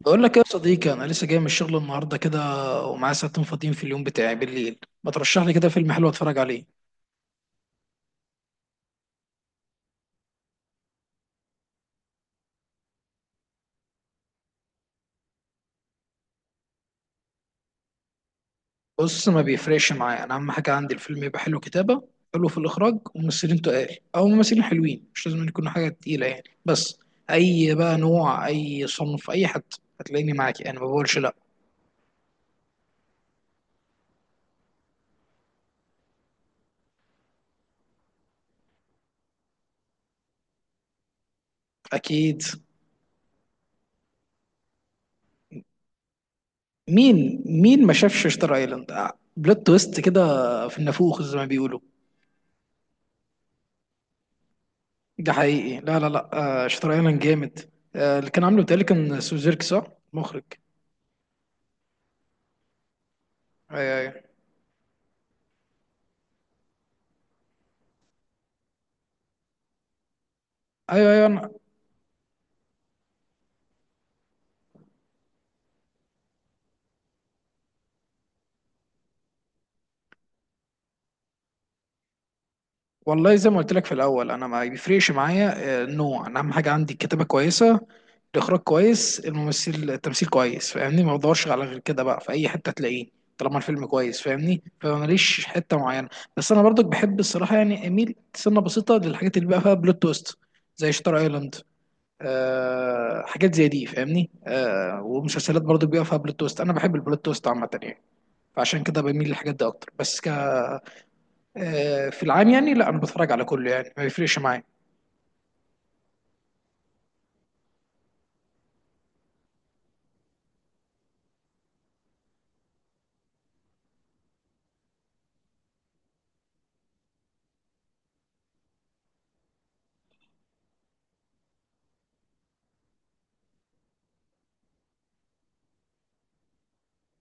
بقول لك إيه يا صديقي، انا لسه جاي من الشغل النهارده كده، ومعايا ساعتين فاضيين في اليوم بتاعي بالليل. ما ترشح لي كده فيلم حلو اتفرج عليه؟ بص، ما بيفرقش معايا، انا اهم حاجه عندي الفيلم يبقى حلو كتابه، حلو في الاخراج، وممثلين تقال او ممثلين حلوين، مش لازم يكون حاجه تقيله يعني. بس اي بقى نوع، اي صنف، اي حد هتلاقيني معاك، يعني ما بقولش لا. اكيد. مين مين ما شافش شتر ايلاند؟ بلوت تويست كده في النافوخ زي ما بيقولوا. ده حقيقي، لا لا لا. آه، شاتر ايلاند جامد. آه، اللي كان عامله بتهيألي كان سوزيرك صح؟ مخرج. ايوه ايوه. ايوه ايوه والله زي ما قلت لك في الاول انا ما بيفرقش معايا. النوع انا اهم حاجه عندي الكتابه كويسه، الاخراج كويس، الممثل التمثيل كويس، فاهمني؟ ما بدورش على غير كده بقى، في اي حته تلاقيه طالما الفيلم كويس فاهمني، فماليش حته معينه. بس انا برضك بحب الصراحه، يعني اميل سنه بسيطه للحاجات اللي بقى فيها بلوت تويست، زي شاتر ايلاند. آه، حاجات زي دي فاهمني، آه، ومسلسلات برضو بيبقى فيها بلوت تويست. انا بحب البلوت تويست عامه يعني، فعشان كده بميل للحاجات دي اكتر. بس ك في العام يعني، لا انا بتفرج على كله يعني ما بيفرقش معايا.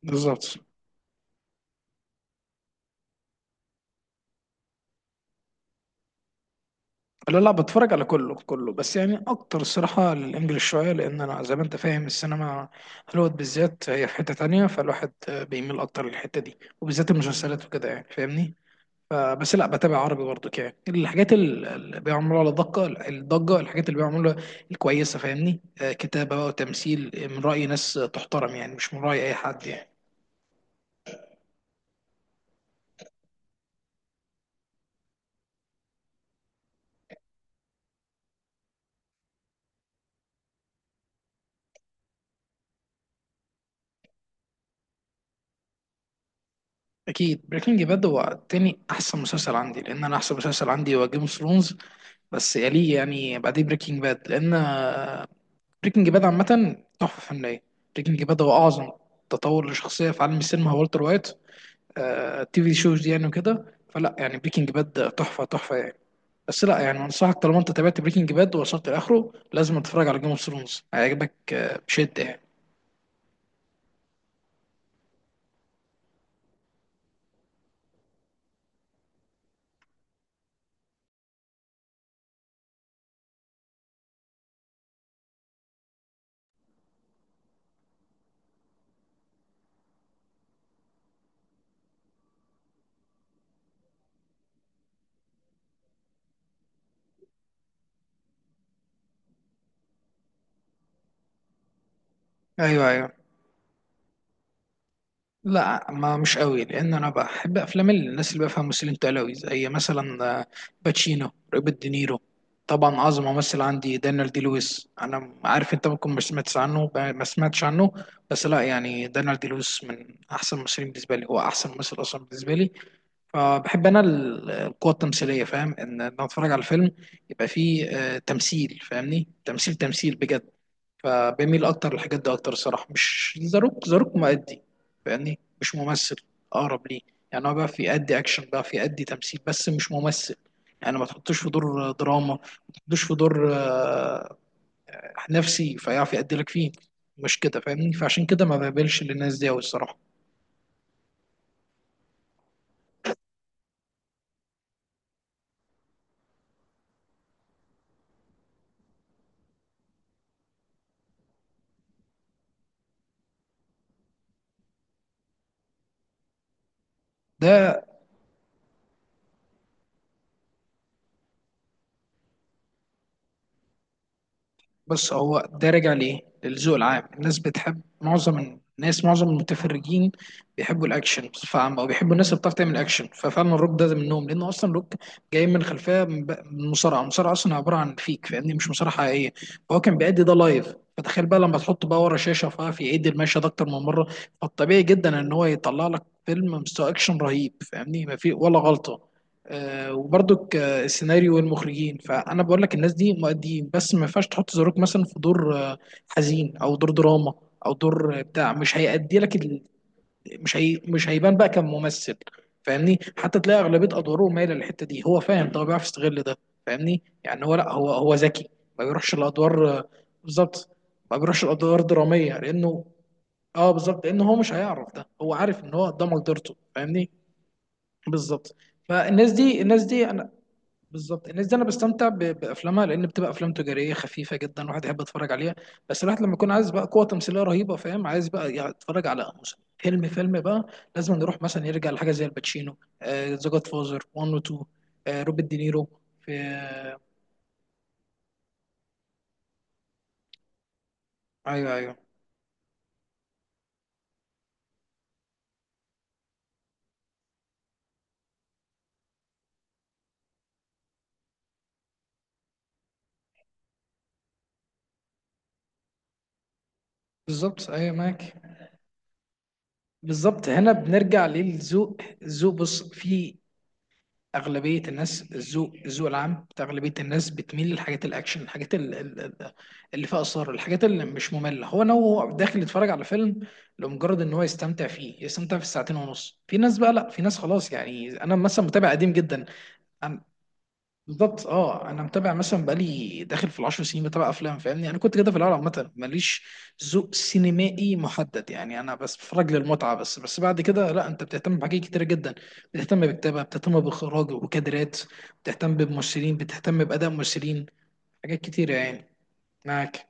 بالظبط. لا لا، بتفرج على كله كله، بس يعني اكتر الصراحه الانجليش شويه، لان انا زي ما انت فاهم السينما هوليوود بالذات هي في حته تانية، فالواحد بيميل اكتر للحته دي، وبالذات المسلسلات وكده يعني فاهمني. بس لا بتابع عربي برضه، يعني الحاجات اللي بيعملوا على الضجه الحاجات اللي بيعملوها الكويسه فاهمني، كتابه بقى وتمثيل، من راي ناس تحترم يعني، مش من راي اي حد يعني. اكيد، بريكنج باد هو تاني احسن مسلسل عندي، لان انا احسن مسلسل عندي هو جيم اوف ثرونز، بس يليه يعني، بعديه بريكنج باد. لان بريكنج باد عامه تحفه فنيه. بريكنج باد هو اعظم تطور لشخصيه في عالم السينما، هو والتر وايت، التي في شوز دي يعني وكده. فلا يعني، بريكنج باد تحفه تحفه يعني. بس لا يعني، انصحك طالما انت تابعت بريكنج باد ووصلت لاخره، لازم تتفرج على جيم اوف ثرونز، هيعجبك بشده يعني. ايوه ايوه. لا، ما مش قوي، لان انا بحب افلام الناس اللي بفهم، ممثلين تقال قوي، زي مثلا باتشينو، روبرت دينيرو، طبعا اعظم ممثل عندي دانيال دي لويس، انا عارف انت ممكن ما سمعتش عنه. بس لا يعني، دانيال دي لويس من احسن الممثلين بالنسبه لي، هو احسن ممثل اصلا بالنسبه لي. فبحب انا القوة التمثيلية، فاهم ان انا اتفرج على الفيلم يبقى فيه تمثيل، فاهمني؟ تمثيل بجد. فبميل اكتر للحاجات دي اكتر الصراحة، مش زاروك مؤدي فاهمني، مش ممثل اقرب ليه، يعني هو بقى في يأدي اكشن، بقى في يأدي تمثيل، بس مش ممثل يعني. ما تحطوش في دور دراما، ما تحطوش في دور نفسي فيعرف يأدي لك فيه، مش كده فاهمني؟ فعشان كده ما بقبلش للناس دي أوي الصراحة. ده بص، هو ده راجع ليه للذوق العام. الناس بتحب، معظم الناس معظم المتفرجين بيحبوا الاكشن بصفه عامه، او بيحبوا الناس اللي بتعرف تعمل اكشن، ففعلا الروك ده منهم، لان اصلا الروك جاي من خلفيه من من مصارعه. المصارعه اصلا عباره عن فيك فاهمني، مش مصارعه حقيقيه. فهو كان بيأدي ده لايف، فتخيل بقى لما تحطه بقى ورا شاشه، ففي يعيد المشهد ده اكتر من مره. فالطبيعي جدا ان هو يطلع لك فيلم مستوى اكشن رهيب فاهمني، ما في ولا غلطه. وبرده السيناريو والمخرجين. فانا بقول لك الناس دي مؤديين، بس ما ينفعش تحط زاروك مثلا في دور حزين او دور دراما، او دور بتاع، مش هيأدي لك ال... مش هي... مش هيبان بقى كممثل فاهمني. حتى تلاقي اغلبيه ادواره مايله للحته دي، هو فاهم ده، هو بيعرف يستغل ده فاهمني، يعني هو لا هو هو ذكي. ما بيروحش الادوار بالظبط. ما بيروحش الادوار دراميه، لانه اه بالظبط، لان هو مش هيعرف، ده هو عارف ان هو ده مقدرته فاهمني. بالظبط. فالناس دي بالظبط. الناس دي انا بستمتع بافلامها، لان بتبقى افلام تجاريه خفيفه جدا، الواحد يحب يتفرج عليها. بس الواحد لما يكون عايز بقى قوه تمثيليه رهيبه فاهم، عايز بقى يتفرج على فيلم فيلم بقى، لازم نروح مثلا يرجع لحاجه زي الباتشينو، ذا جاد فازر 1 و 2، روبرت دينيرو. في، ايوه ايوه. بالظبط، ايوه، معاك. بالظبط، هنا بنرجع للذوق. الذوق بص، في اغلبيه الناس الذوق العام بتاع اغلبيه الناس بتميل للحاجات الاكشن، الحاجات اللي فيها اثار، الحاجات اللي مش ممله، هو انا هو داخل يتفرج على فيلم لمجرد ان هو يستمتع فيه، يستمتع في الساعتين ونص. في ناس بقى لا، في ناس خلاص. يعني انا مثلا متابع قديم جدا. أنا- بالظبط، اه انا متابع مثلا بقالي داخل في 10 سنين بتابع افلام فاهمني، انا كنت كده في الاول عامه ماليش ذوق سينمائي محدد يعني، انا بس بتفرج للمتعه بس. بس بعد كده لا، انت بتهتم بحاجات كتيره جدا، بتهتم بالكتابه، بتهتم باخراج وكادرات، بتهتم بممثلين، بتهتم باداء ممثلين. حاجات كتيره يعني. معاك.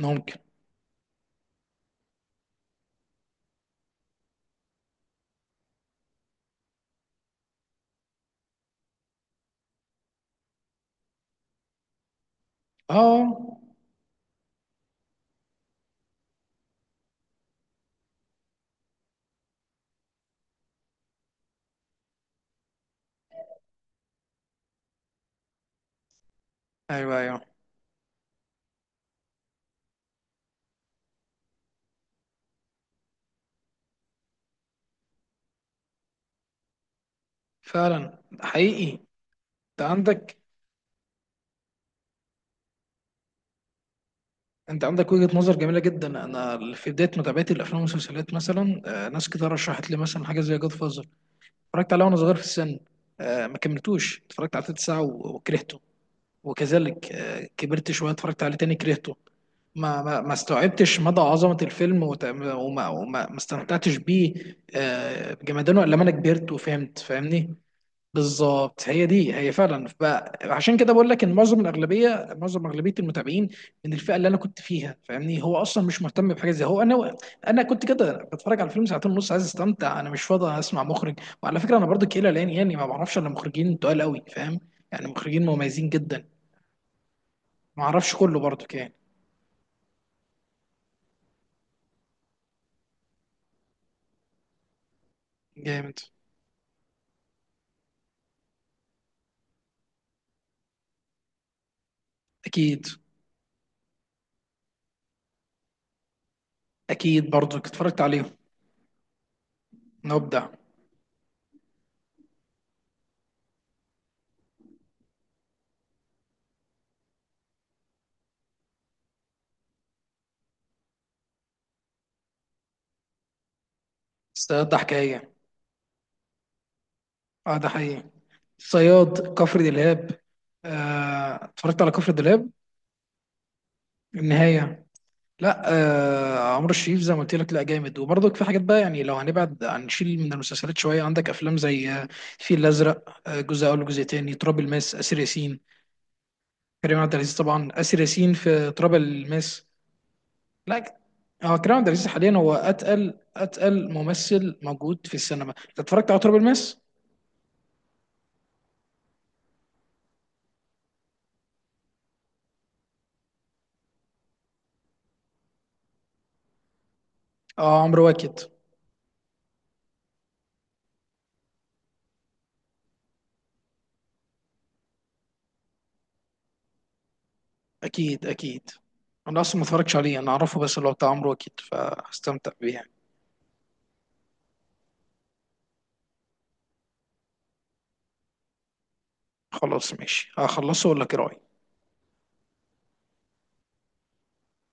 ممكن. اه، ايوه ايوه. فعلا حقيقي. انت عندك انت عندك وجهة نظر جميلة جدا. انا في بداية متابعتي للافلام والمسلسلات مثلا ناس كتير رشحت لي مثلا حاجة زي جاد فازر، اتفرجت عليه وانا صغير في السن، ما كملتوش، اتفرجت على تلت ساعة وكرهته. وكذلك كبرت شوية اتفرجت عليه تاني كرهته. ما استوعبتش مدى عظمة الفيلم وما وما ما استمتعتش بيه بجمدانه الا لما انا كبرت وفهمت فاهمني. بالظبط، هي دي. هي فعلا بقى عشان كده بقول لك ان معظم الاغلبيه، معظم اغلبيه المتابعين من الفئه اللي انا كنت فيها فاهمني، هو اصلا مش مهتم بحاجه زي هو انا. انا كنت كده بتفرج على فيلم ساعتين ونص عايز استمتع، انا مش فاضي اسمع مخرج، وعلى فكره انا برضو كيلا، لان يعني ما بعرفش الا مخرجين تقال قوي فاهم، يعني مخرجين مميزين جدا ما اعرفش. كله برضو كان جامد. اكيد، اكيد برضو اتفرجت عليهم نبدع. الصياد ده حكايه، اه ده حقيقي. الصياد، كفر دلهاب، اتفرجت على كفر دلهاب النهاية. لا آه، عمرو الشريف زي ما قلت لك، لا جامد. وبرضك في حاجات بقى يعني، لو هنبعد هنشيل من المسلسلات شوية، عندك أفلام زي الفيل الأزرق، جزء أول وجزء تاني، تراب الماس آسر ياسين. كريم عبد العزيز طبعا، آسر ياسين في تراب الماس. لا، اه كريم عبد العزيز حاليا هو أتقل أتقل ممثل موجود في السينما. أنت اتفرجت على تراب الماس؟ اه، عمرو واكد. أكيد أكيد. أنا أصلا ما اتفرجتش عليه، أنا أعرفه بس اللي هو بتاع عمرو واكد، فهستمتع بيه يعني. خلاص ماشي، هخلصه ولا إيه رأيك؟